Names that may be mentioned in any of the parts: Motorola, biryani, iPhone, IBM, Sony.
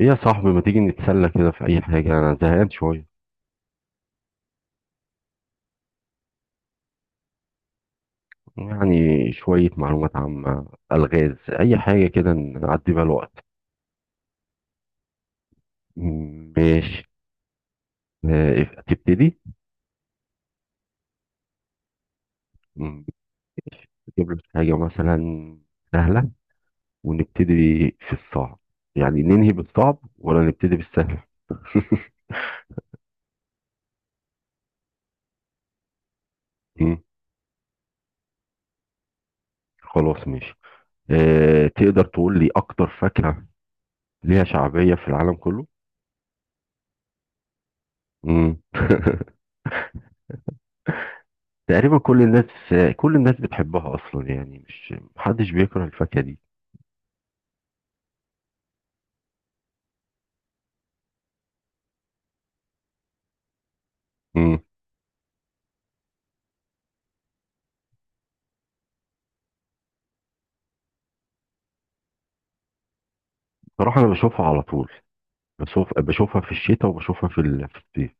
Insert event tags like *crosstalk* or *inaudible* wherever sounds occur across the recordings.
ايه يا صاحبي، ما تيجي نتسلى كده في اي حاجة؟ انا زهقان شوية. يعني شوية معلومات عامة، الغاز، اي حاجة كده نعدي بيها الوقت. ماشي. تبتدي. م- نجيب لك حاجة مثلا سهلة ونبتدي في الصعب، يعني ننهي بالصعب ولا نبتدي بالسهل؟ *laughs* م، خلاص ماشي. تقدر تقول لي اكتر فاكهة ليها شعبية في العالم كله؟ م. *laughs* تقريبا كل الناس، كل الناس بتحبها اصلا. يعني مش محدش بيكره الفاكهه دي. امم بصراحه انا بشوفها على طول، بشوفها في الشتاء وبشوفها في في الصيف.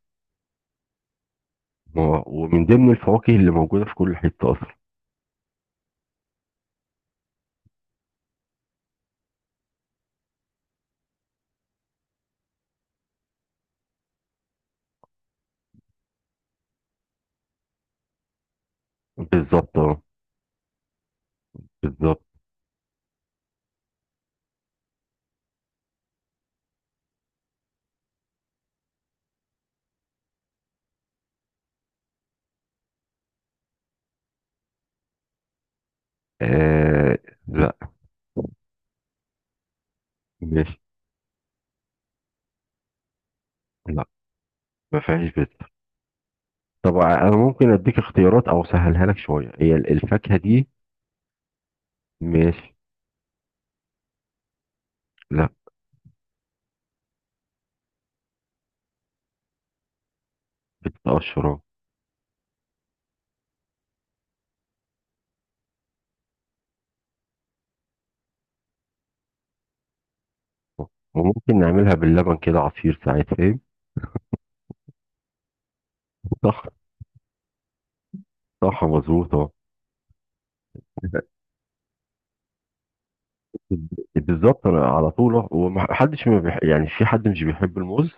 و- ومن ضمن الفواكه اللي موجوده في كل حته اصلا. بالظبط اه. بالظبط. آه لا. ماشي. لا، ما فيهاش بس. طب انا ممكن اديك اختيارات او اسهلها لك شويه، هي الفاكهه دي. ماشي. لا. بتتقشر آه. وممكن نعملها باللبن كده عصير ساعات فاهم. صح. صح مظبوط آه. بالظبط انا على طول أه. ومحدش ما بيح... يعني في حد مش بيحب الموز؟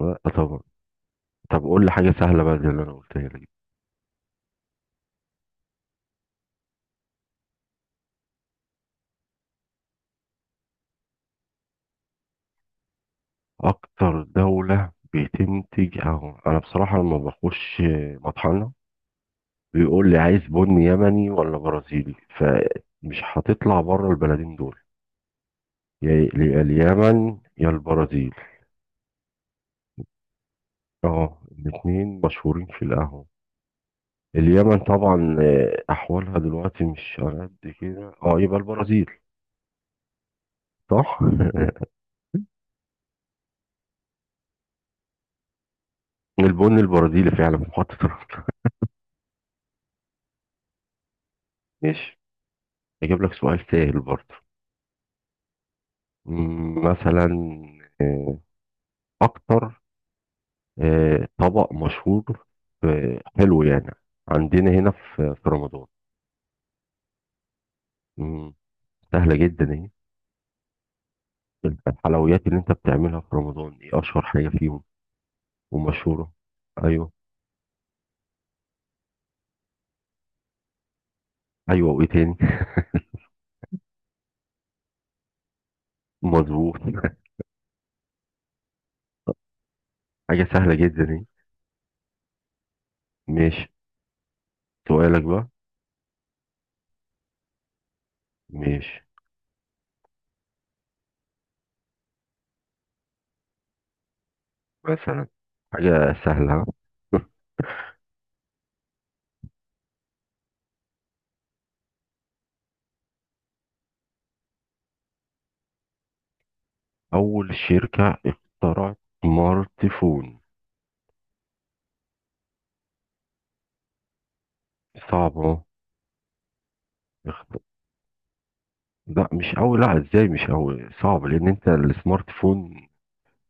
لا طبعا. طب قول لي حاجه سهله بقى زي اللي انا قلتها لك. اكتر دوله بتنتج، اهو انا بصراحه لما بخش مطحنه بيقول لي عايز بن يمني ولا برازيلي، فمش هتطلع بره البلدين دول، يا اليمن يا البرازيل. اه الاتنين مشهورين في القهوه. اليمن طبعا احوالها دلوقتي مش على قد كده، اه، يبقى البرازيل. صح. *laughs* البن البرازيلي فعلا في محطة الرمل. ماشي. اجيب لك سؤال سهل برضه. مثلا آه، اكتر طبق مشهور حلو يعني عندنا هنا في رمضان. مم، سهلة جدا اهي. الحلويات اللي انت بتعملها في رمضان، ايه اشهر حاجة فيهم ومشهورة؟ ايوه. ايوه وايه تاني؟ مظبوط. *laughs* حاجة سهلة جدا اهي. ماشي. سؤالك بقى. ماشي. مثلا حاجة سهلة *laughs* ها؟ أول شركة اخترعت سمارت فون. صعب أهو. اخ- لا، مش أول. لا، إزاي مش أول؟ صعب لأن أنت السمارت فون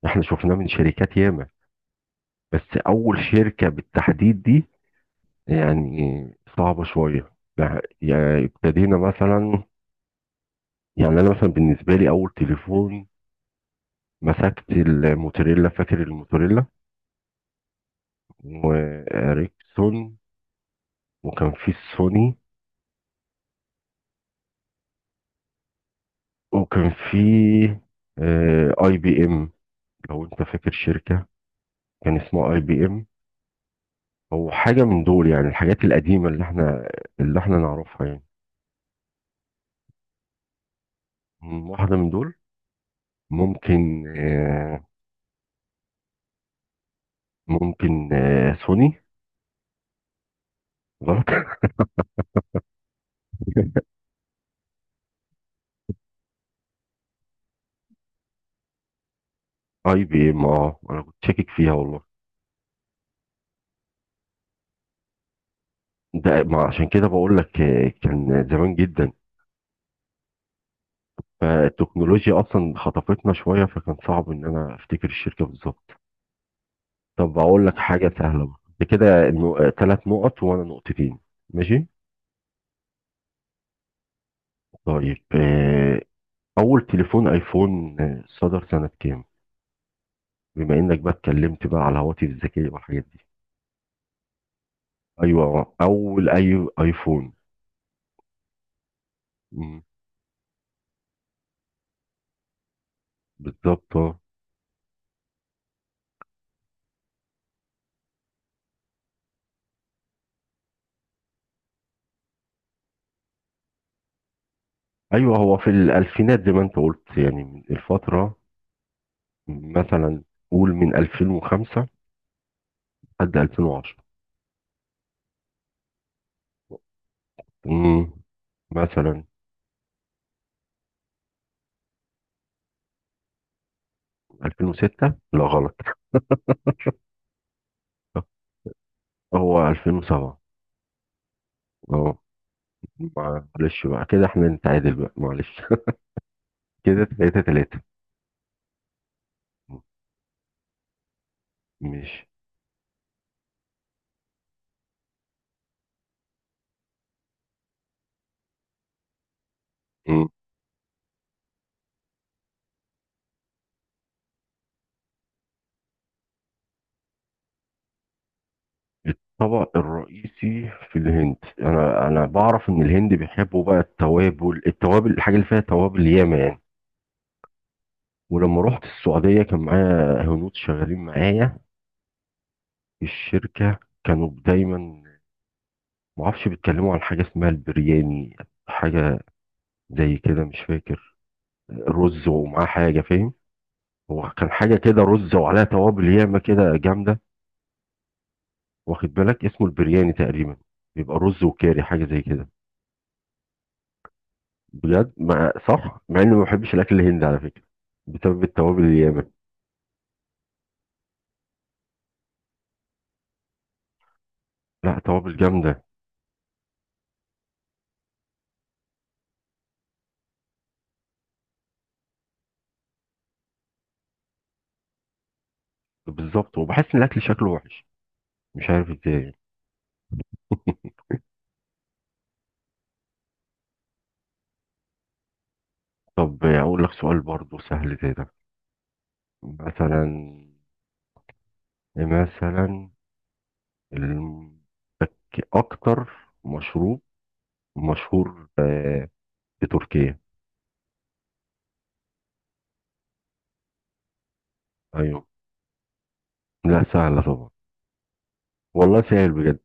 إحنا شفناه من شركات ياما. بس أول شركة بالتحديد دي يعني صعبة شوية. لا، يعني ابتدينا مثلا، يعني أنا مثلا بالنسبة لي أول تليفون مسكت الموتوريلا، فاكر الموتوريلا وإريكسون؟ وكان في السوني، وكان في اي بي ام، لو انت فاكر شركة كان اسمها اي بي ام، او حاجة من دول، يعني الحاجات القديمة اللي احنا نعرفها يعني. واحدة من دول. ممكن ممكن سوني. غلط. *laughs* اي بي ام. اه انا كنت شاكك فيها والله. ده ما عشان كده بقول لك، كان زمان جدا، فالتكنولوجيا اصلا خطفتنا شوية، فكان صعب ان انا افتكر الشركة بالظبط. طب اقول لك حاجة سهلة بقى. ده كده ثلاث نقط وانا نقطتين. ماشي. طيب، اول تليفون ايفون صدر سنة كام، بما انك بقى اتكلمت بقى على الهواتف الذكية والحاجات دي؟ ايوه اول ايفون. مم، بالظبط آه. ايوه هو في الالفينات زي ما انت قلت، يعني من الفترة، مثلا قول من 2005 لحد 2010. مم، مثلا 2006. لا غلط. هو 2007. اه معلش بقى، كده احنا نتعادل بقى معلش. *laughs* كده تلاتة تلاتة. ماشي. الطبق الرئيسي في الهند، انا بعرف ان الهند بيحبوا بقى التوابل، التوابل، الحاجه اللي فيها توابل ياما يعني. ولما رحت السعوديه كان معايا هنود شغالين معايا في الشركه، كانوا دايما، ما اعرفش، بيتكلموا عن حاجه اسمها البرياني. حاجه زي كده، مش فاكر، رز ومعاه حاجه فاهم. هو كان حاجه كده رز وعليها توابل ياما كده جامده، واخد بالك؟ اسمه البرياني تقريبا، بيبقى رز وكاري حاجه زي كده. بجد مع، صح، مع اني ما بحبش الاكل الهندي على فكره بسبب التوابل الياما. لا توابل جامده. بالظبط، وبحس ان الاكل شكله وحش، مش عارف ازاي. *laughs* طب اقول لك سؤال برضو سهل زي ده. مثلا، مثلا ال- اكتر مشروب مشهور في تركيا. ايوه. لا سهله طبعا. والله سهل بجد.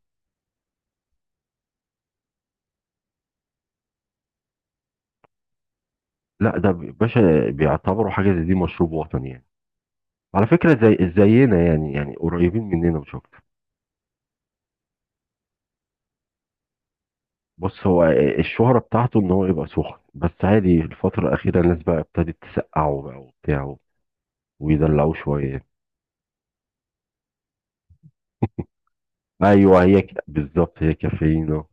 لا ده باشا، بيعتبروا حاجه زي دي مشروب وطني يعني. على فكره زي زينا يعني، قريبين مننا مش اكتر. بص، هو الشهرة بتاعته ان هو يبقى سخن، بس عادي الفترة الأخيرة الناس بقى ابتدت تسقعه بقى وبتاع، ويدلعوه شوية. أيوه هي بالظبط هي كافيين.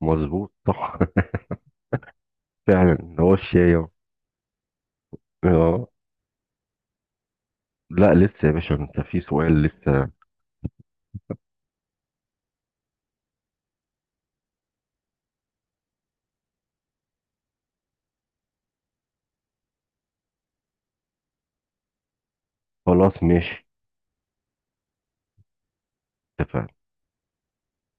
مظبوط صح. *laughs* فعلا هو الشاي أهو. اه لا، لسه يا باشا انت في سؤال لسه. خلاص ماشي اتفقنا.